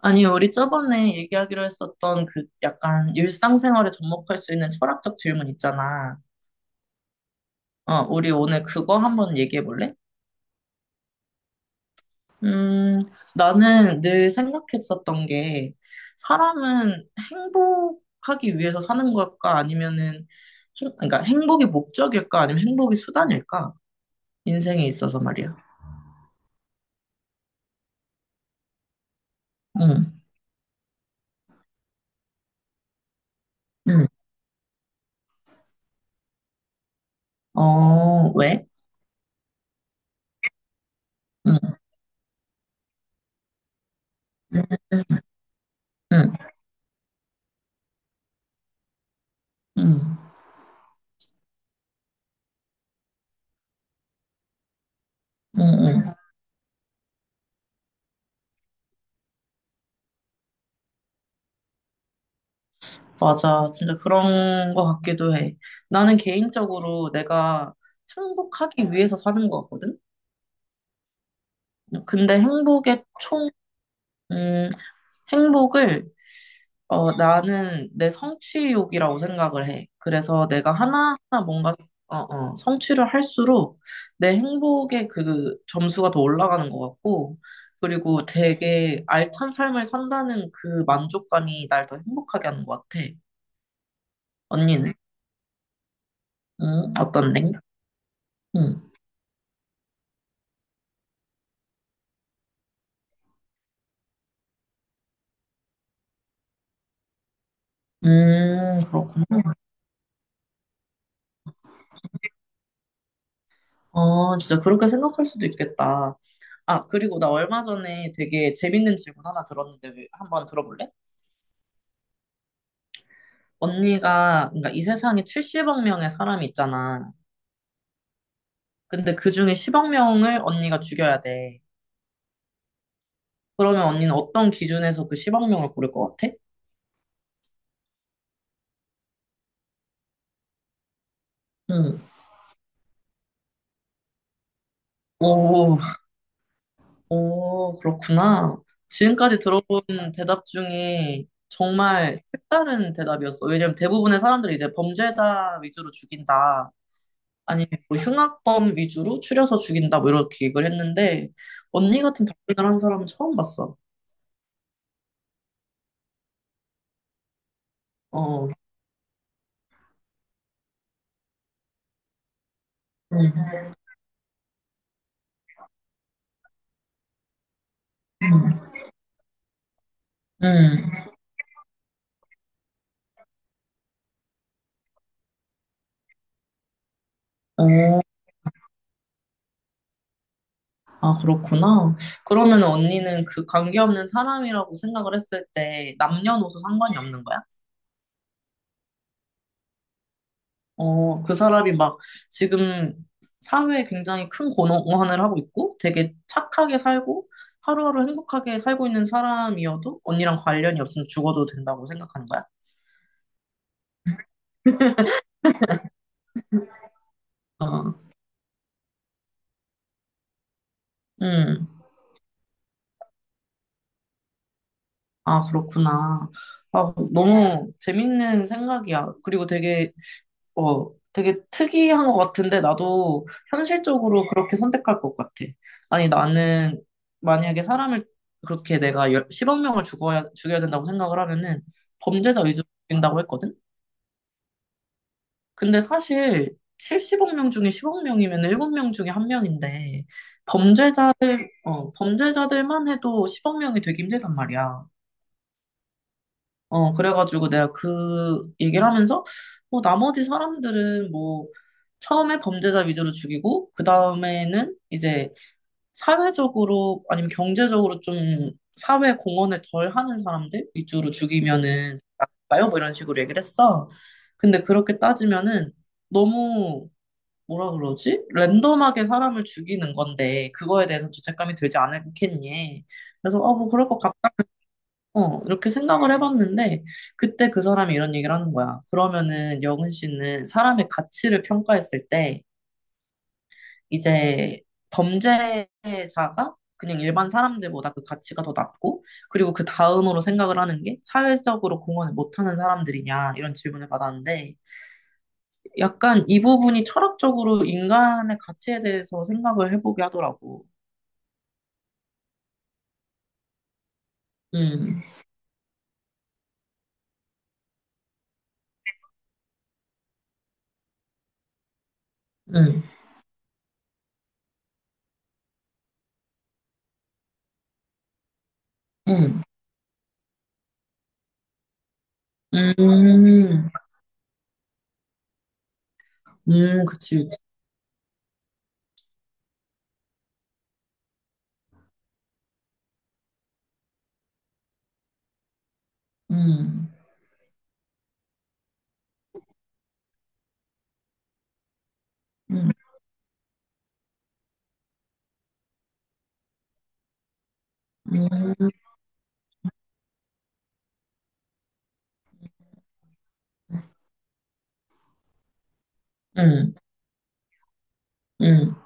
아니, 우리 저번에 얘기하기로 했었던 그 약간 일상생활에 접목할 수 있는 철학적 질문 있잖아. 어, 우리 오늘 그거 한번 얘기해 볼래? 음, 나는 늘 생각했었던 게 사람은 행복하기 위해서 사는 걸까? 아니면은 그러니까 행복이 목적일까? 아니면 행복이 수단일까? 인생에 있어서 말이야. 응, 응. 어, 왜? 응, 응, 응, 응, 응. 맞아. 진짜 그런 거 같기도 해. 나는 개인적으로 내가 행복하기 위해서 사는 거 같거든? 근데 음, 행복을, 나는 내 성취욕이라고 생각을 해. 그래서 내가 하나하나 뭔가, 성취를 할수록 내 행복의 그 점수가 더 올라가는 것 같고, 그리고 되게 알찬 삶을 산다는 그 만족감이 날 더 행복하게 하는 것 같아. 언니는? 응, 어떤데? 응. 그렇구나. 아, 진짜 그렇게 생각할 수도 있겠다. 아, 그리고 나 얼마 전에 되게 재밌는 질문 하나 들었는데 한번 들어볼래? 언니가, 그러니까 이 세상에 70억 명의 사람이 있잖아. 근데 그 중에 10억 명을 언니가 죽여야 돼. 그러면 언니는 어떤 기준에서 그 10억 명을 고를 것 같아? 응. 오, 오, 그렇구나. 지금까지 들어본 대답 중에 정말 색다른 대답이었어. 왜냐면 대부분의 사람들이 이제 범죄자 위주로 죽인다. 아니면 뭐 흉악범 위주로 추려서 죽인다 뭐 이렇게 얘기를 했는데 언니 같은 답변을 한 사람은 처음 봤어. 어. 음. 음. 어. 아, 그렇구나. 그러면 언니는 그 관계없는 사람이라고 생각을 했을 때 남녀노소 상관이 없는 거야? 어, 그 사람이 막 지금 사회에 굉장히 큰 공헌을 하고 있고 되게 착하게 살고 하루하루 행복하게 살고 있는 사람이어도 언니랑 관련이 없으면 죽어도 된다고 생각하는 거야? 어. 음. 아, 그렇구나. 아, 너무 재밌는 생각이야. 그리고 되게 특이한 것 같은데, 나도 현실적으로 그렇게 선택할 것 같아. 아니, 나는 만약에 사람을 그렇게 내가 10억 명을 죽여야 된다고 생각을 하면은 범죄자 위주로 죽인다고 했거든? 근데 사실 70억 명 중에 10억 명이면 7명 중에 한명인데 범죄자들, 범죄자들만 해도 10억 명이 되기 힘들단 말이야. 그래가지고 내가 그 얘기를 하면서, 뭐, 나머지 사람들은 뭐, 처음에 범죄자 위주로 죽이고, 그 다음에는 이제 사회적으로, 아니면 경제적으로 좀 사회 공헌을 덜 하는 사람들 위주로 죽이면은, 나요? 뭐 이런 식으로 얘기를 했어. 근데 그렇게 따지면은, 너무, 뭐라 그러지? 랜덤하게 사람을 죽이는 건데, 그거에 대해서 죄책감이 들지 않겠니? 그래서, 뭐, 그럴 것 이렇게 생각을 해봤는데, 그때 그 사람이 이런 얘기를 하는 거야. 그러면은 여은 씨는 사람의 가치를 평가했을 때, 이제 범죄자가 그냥 일반 사람들보다 그 가치가 더 낮고, 그리고 그 다음으로 생각을 하는 게 사회적으로 공헌을 못하는 사람들이냐, 이런 질문을 받았는데, 약간 이 부분이 철학적으로 인간의 가치에 대해서 생각을 해보게 하더라고. 음, 음, 음, 음, 그치, 그치. 음, 음. 음. 음, 음,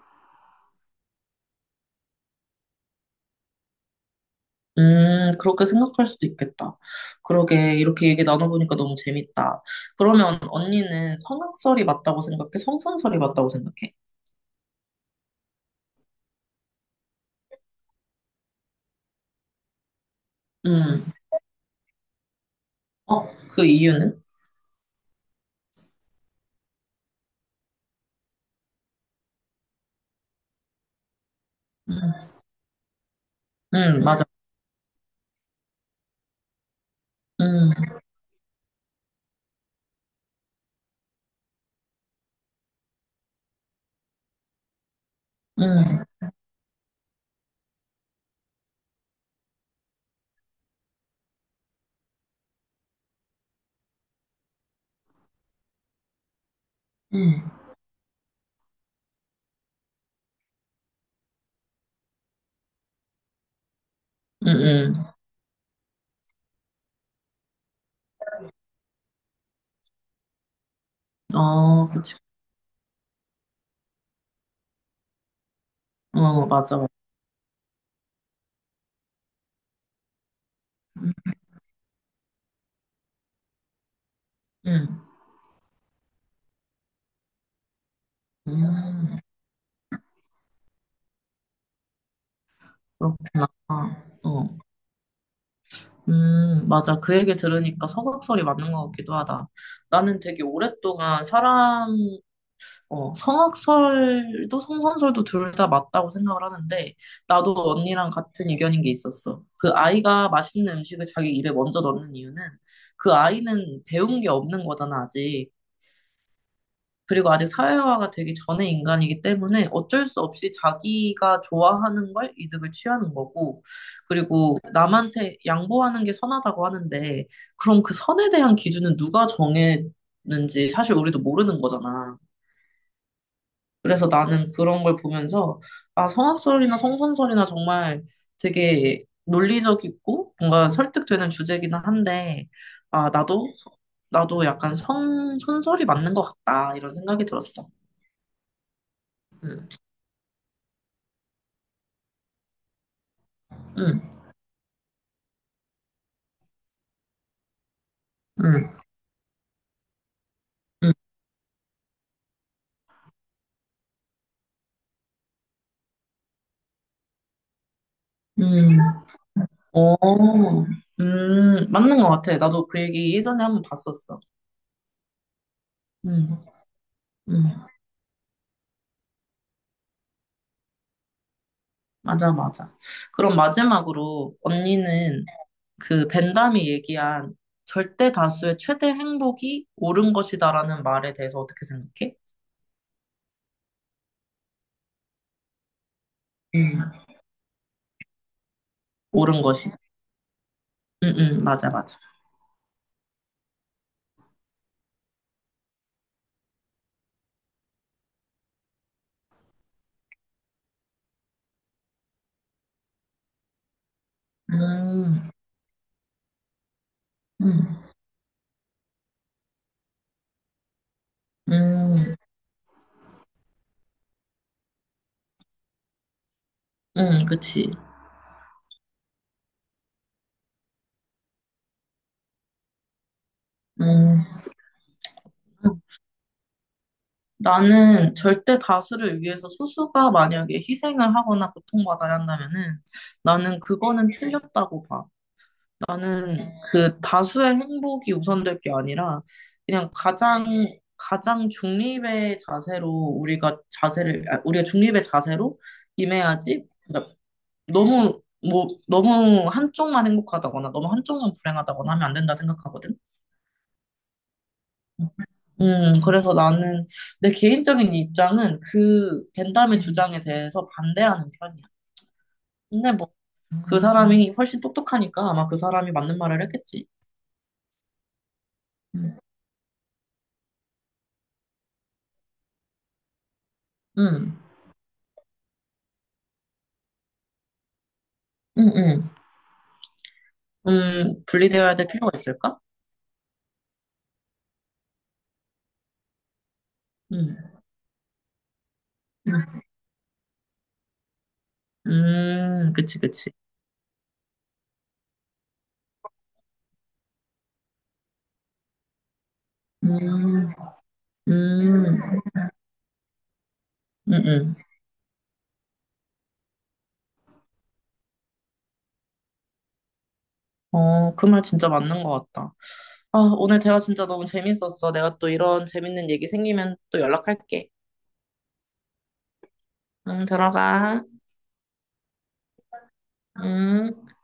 그렇게 생각할 수도 있겠다. 그러게, 이렇게 얘기 나눠보니까 너무 재밌다. 그러면 언니는 성악설이 맞다고 생각해? 성선설이 맞다고 생각해? 음, 어, 그 이유는? 음, 맞아. 음, 음, 음, 음, 어, 그치. 어, 맞아. 음, 음, 음, 그렇구나. 어, 응, 맞아. 그 얘기 들으니까 성악설이 맞는 것 같기도 하다. 나는 되게 오랫동안 성악설도 성선설도 둘 다 맞다고 생각을 하는데, 나도 언니랑 같은 의견인 게 있었어. 그 아이가 맛있는 음식을 자기 입에 먼저 넣는 이유는 그 아이는 배운 게 없는 거잖아, 아직. 그리고 아직 사회화가 되기 전의 인간이기 때문에 어쩔 수 없이 자기가 좋아하는 걸 이득을 취하는 거고, 그리고 남한테 양보하는 게 선하다고 하는데, 그럼 그 선에 대한 기준은 누가 정했는지 사실 우리도 모르는 거잖아. 그래서 나는 그런 걸 보면서, 아, 성악설이나 성선설이나 정말 되게 논리적이고 뭔가 설득되는 주제기는 한데, 아, 나도, 나도 약간 선설이 맞는 것 같다, 이런 생각이 들었어. 음, 음, 음, 음, 음. 어, 맞는 것 같아. 나도 그 얘기 예전에 한 번 봤었어. 음, 음, 맞아, 맞아. 그럼 마지막으로 언니는 그 벤담이 얘기한 절대 다수의 최대 행복이 옳은 것이다라는 말에 대해서 어떻게 생각해? 음, 옳은 것이. 응, 응, 맞아, 맞아. 음, 음, 음, 그치. 음. 나는 절대 다수를 위해서 소수가 만약에 희생을 하거나 고통받아야 한다면은 나는 그거는 틀렸다고 봐. 나는 그 다수의 행복이 우선될 게 아니라 그냥 가장 가장 중립의 자세로 우리가 중립의 자세로 임해야지. 그러니까 너무 뭐 너무 한쪽만 행복하다거나 너무 한쪽만 불행하다거나 하면 안 된다 생각하거든. 그래서 나는 내 개인적인 입장은 그 벤담의 주장에 대해서 반대하는 편이야. 근데 뭐 그 사람이 훨씬 똑똑하니까 아마 그 사람이 맞는 말을 했겠지. 음, 음, 음. 분리되어야 될 필요가 있을까? 음, 음, 그치, 그치. 음, 음, 음, 음. 어, 그 말 진짜 맞는 것 같다. 아, 오늘 대화 진짜 너무 재밌었어. 내가 또 이런 재밌는 얘기 생기면 또 연락할게. 응, 들어가. 응.